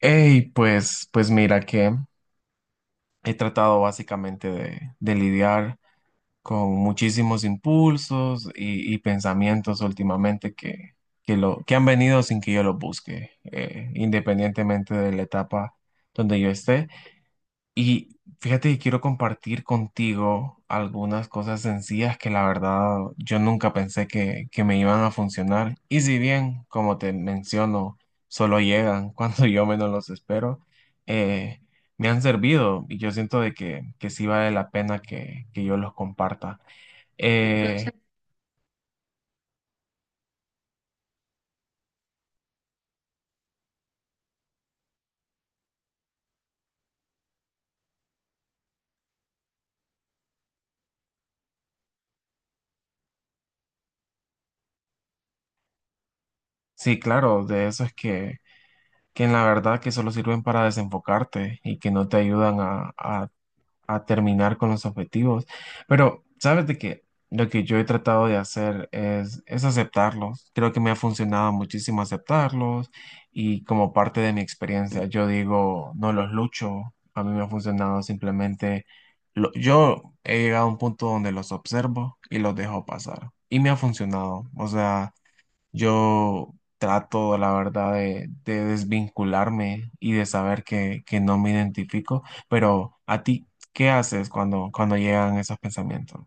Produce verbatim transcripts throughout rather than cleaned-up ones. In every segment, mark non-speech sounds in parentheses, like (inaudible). Hey, pues, pues mira que he tratado básicamente de, de lidiar con muchísimos impulsos y, y pensamientos últimamente que, que, lo, que han venido sin que yo los busque, eh, independientemente de la etapa donde yo esté. Y fíjate que quiero compartir contigo algunas cosas sencillas que la verdad yo nunca pensé que, que me iban a funcionar. Y si bien, como te menciono, solo llegan (laughs) cuando yo menos los espero, eh, me han servido y yo siento de que, que sí vale la pena que, que yo los comparta. Eh, sí, claro, de eso es que, que en la verdad que solo sirven para desenfocarte y que no te ayudan a, a a terminar con los objetivos. Pero sabes de que lo que yo he tratado de hacer es, es aceptarlos. Creo que me ha funcionado muchísimo aceptarlos y como parte de mi experiencia, yo digo, no los lucho. A mí me ha funcionado simplemente, lo- yo he llegado a un punto donde los observo y los dejo pasar. Y me ha funcionado. O sea... Yo trato, la verdad, de, de desvincularme y de saber que, que no me identifico, pero a ti, ¿qué haces cuando, cuando llegan esos pensamientos?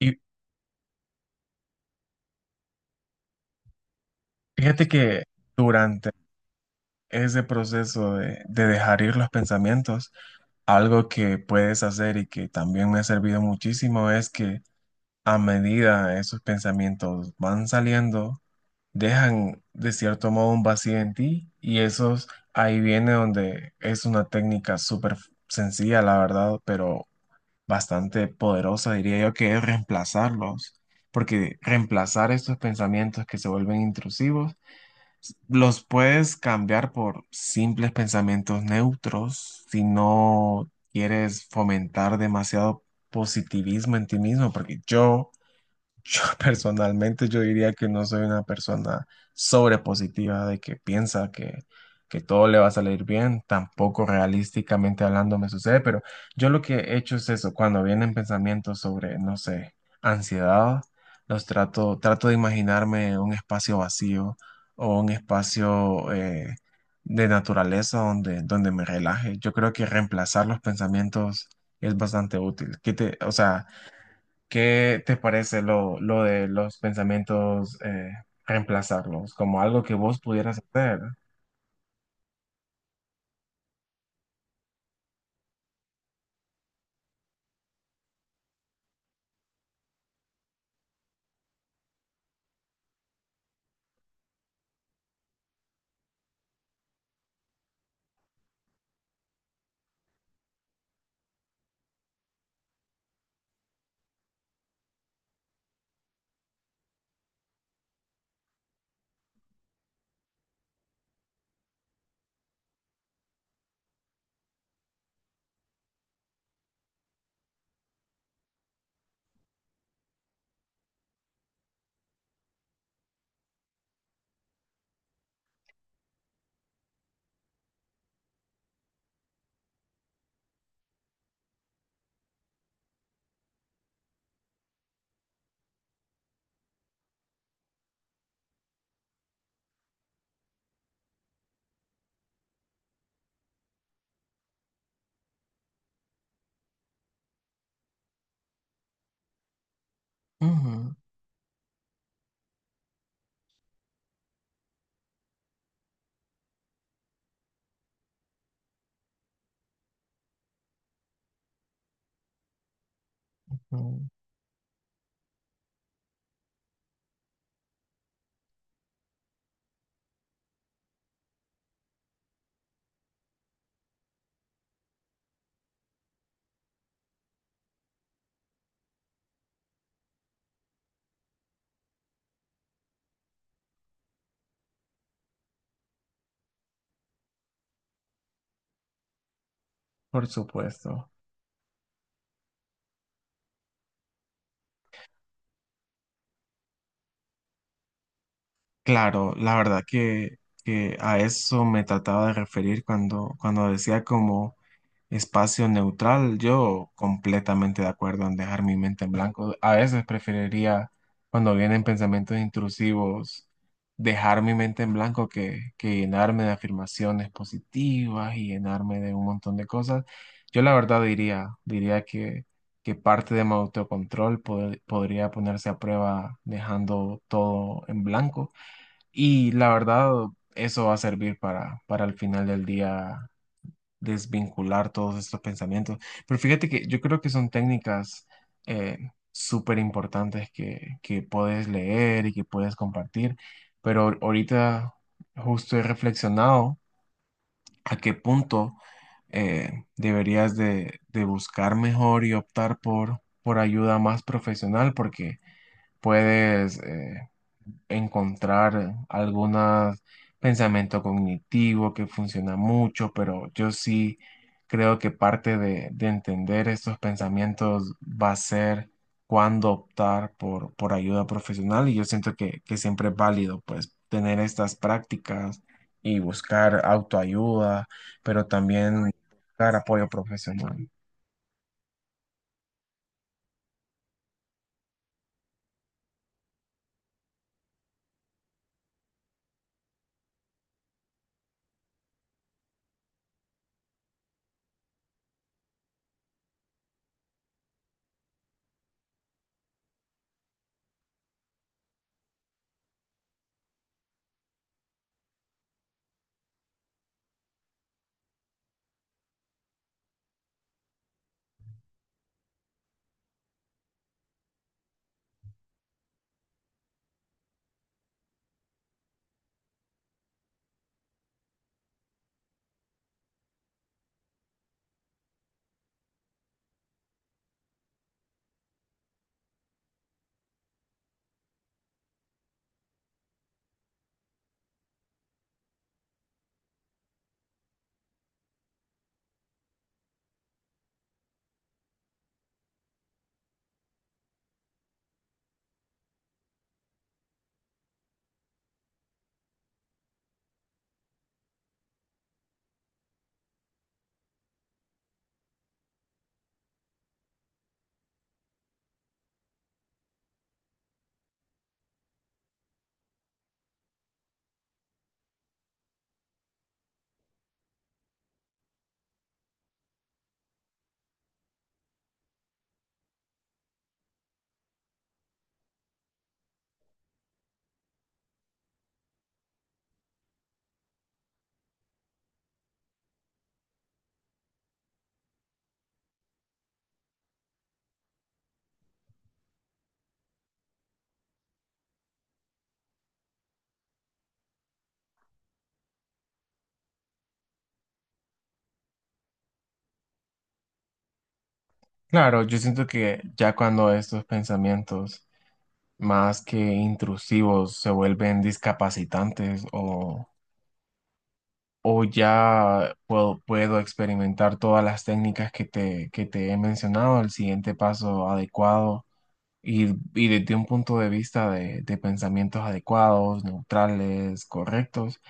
Y fíjate que durante ese proceso de, de dejar ir los pensamientos, algo que puedes hacer y que también me ha servido muchísimo es que a medida esos pensamientos van saliendo, dejan de cierto modo un vacío en ti y esos ahí viene donde es una técnica súper sencilla, la verdad, pero bastante poderosa, diría yo, que es reemplazarlos, porque reemplazar estos pensamientos que se vuelven intrusivos, s- los puedes cambiar por simples pensamientos neutros si no quieres fomentar demasiado positivismo en ti mismo, porque yo yo (laughs) personalmente yo diría que no soy una persona sobrepositiva de que piensa que, que todo le va a salir bien, tampoco realísticamente hablando me sucede, pero yo lo que he hecho es eso, cuando vienen pensamientos sobre, no sé, ansiedad, los trato, trato de imaginarme un espacio vacío o un espacio eh, de naturaleza donde, donde me relaje. Yo creo que reemplazar los pensamientos es bastante útil. Que te- o sea, ¿qué te parece lo, lo de los pensamientos, eh, reemplazarlos como algo que vos pudieras hacer? Ujú, ujú. Por supuesto. Claro, la verdad que, que a eso me trataba de referir cuando, cuando decía como... Espacio neutral, yo completamente de acuerdo en dejar mi mente en blanco. A veces preferiría, cuando vienen pensamientos intrusivos, dejar mi mente en blanco que, que llenarme de afirmaciones positivas y llenarme de un montón de cosas. Yo la verdad diría, diría que, que parte de mi autocontrol pod- podría ponerse a prueba dejando todo en blanco. Y la verdad, eso va a servir para, para el final del día desvincular todos estos pensamientos. Pero fíjate que yo creo que son técnicas eh, súper importantes que, que puedes leer y que puedes compartir, pero ahorita justo he reflexionado a qué punto eh, deberías de, de buscar mejor y optar por, por ayuda más profesional porque puedes... eh, encontrar algunos pensamiento cognitivo que funciona mucho, pero yo sí creo que parte de, de entender estos pensamientos va a ser cuándo optar por, por ayuda profesional y yo siento que, que siempre es válido pues tener estas prácticas y buscar autoayuda, pero también buscar apoyo profesional. Claro, yo siento que ya cuando estos pensamientos más que intrusivos, se vuelven discapacitantes o, o ya puedo, puedo experimentar todas las técnicas que te, que te he mencionado, el siguiente paso adecuado y, y desde un punto de vista de, de pensamientos adecuados, neutrales, correctos,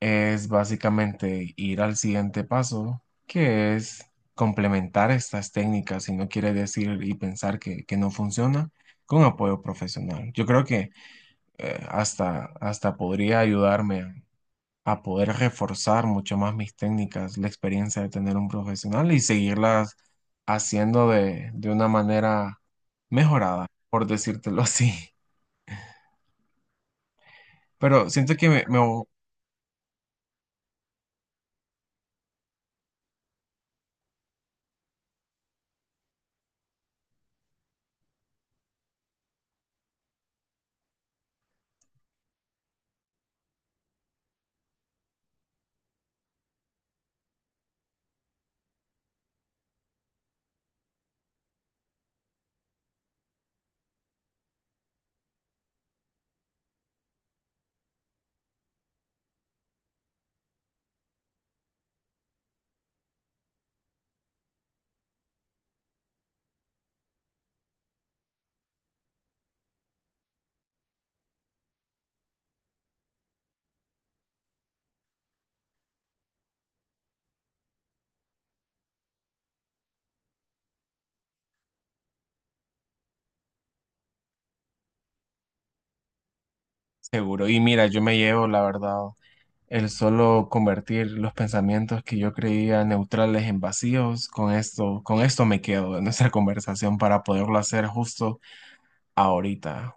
es básicamente ir al siguiente paso, que es complementar estas técnicas si no quiere decir y pensar que, que no funciona con apoyo profesional. Yo creo que eh, hasta, hasta podría ayudarme a poder reforzar mucho más mis técnicas, la experiencia de tener un profesional y seguirlas haciendo de, de una manera mejorada, por decírtelo (laughs) así. Pero siento que me, me voy seguro. Y mira, yo me llevo, la verdad, el solo convertir los pensamientos que yo creía neutrales en vacíos, con esto, con esto me quedo en nuestra (laughs) conversación para poderlo hacer justo ahorita.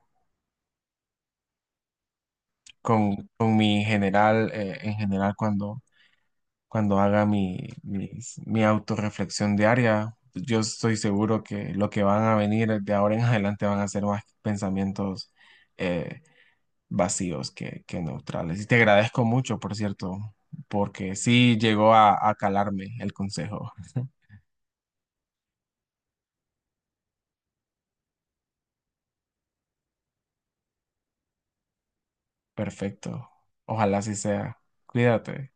con, Con mi general, eh, en general cuando, cuando haga mi, mis- mi autorreflexión diaria, yo estoy seguro que lo que van a venir de ahora en (laughs) adelante van a ser más pensamientos eh, vacíos que, que neutrales. Y te agradezco mucho, por cierto, porque sí llegó a, a calarme el consejo. Perfecto. Ojalá así sea. Cuídate.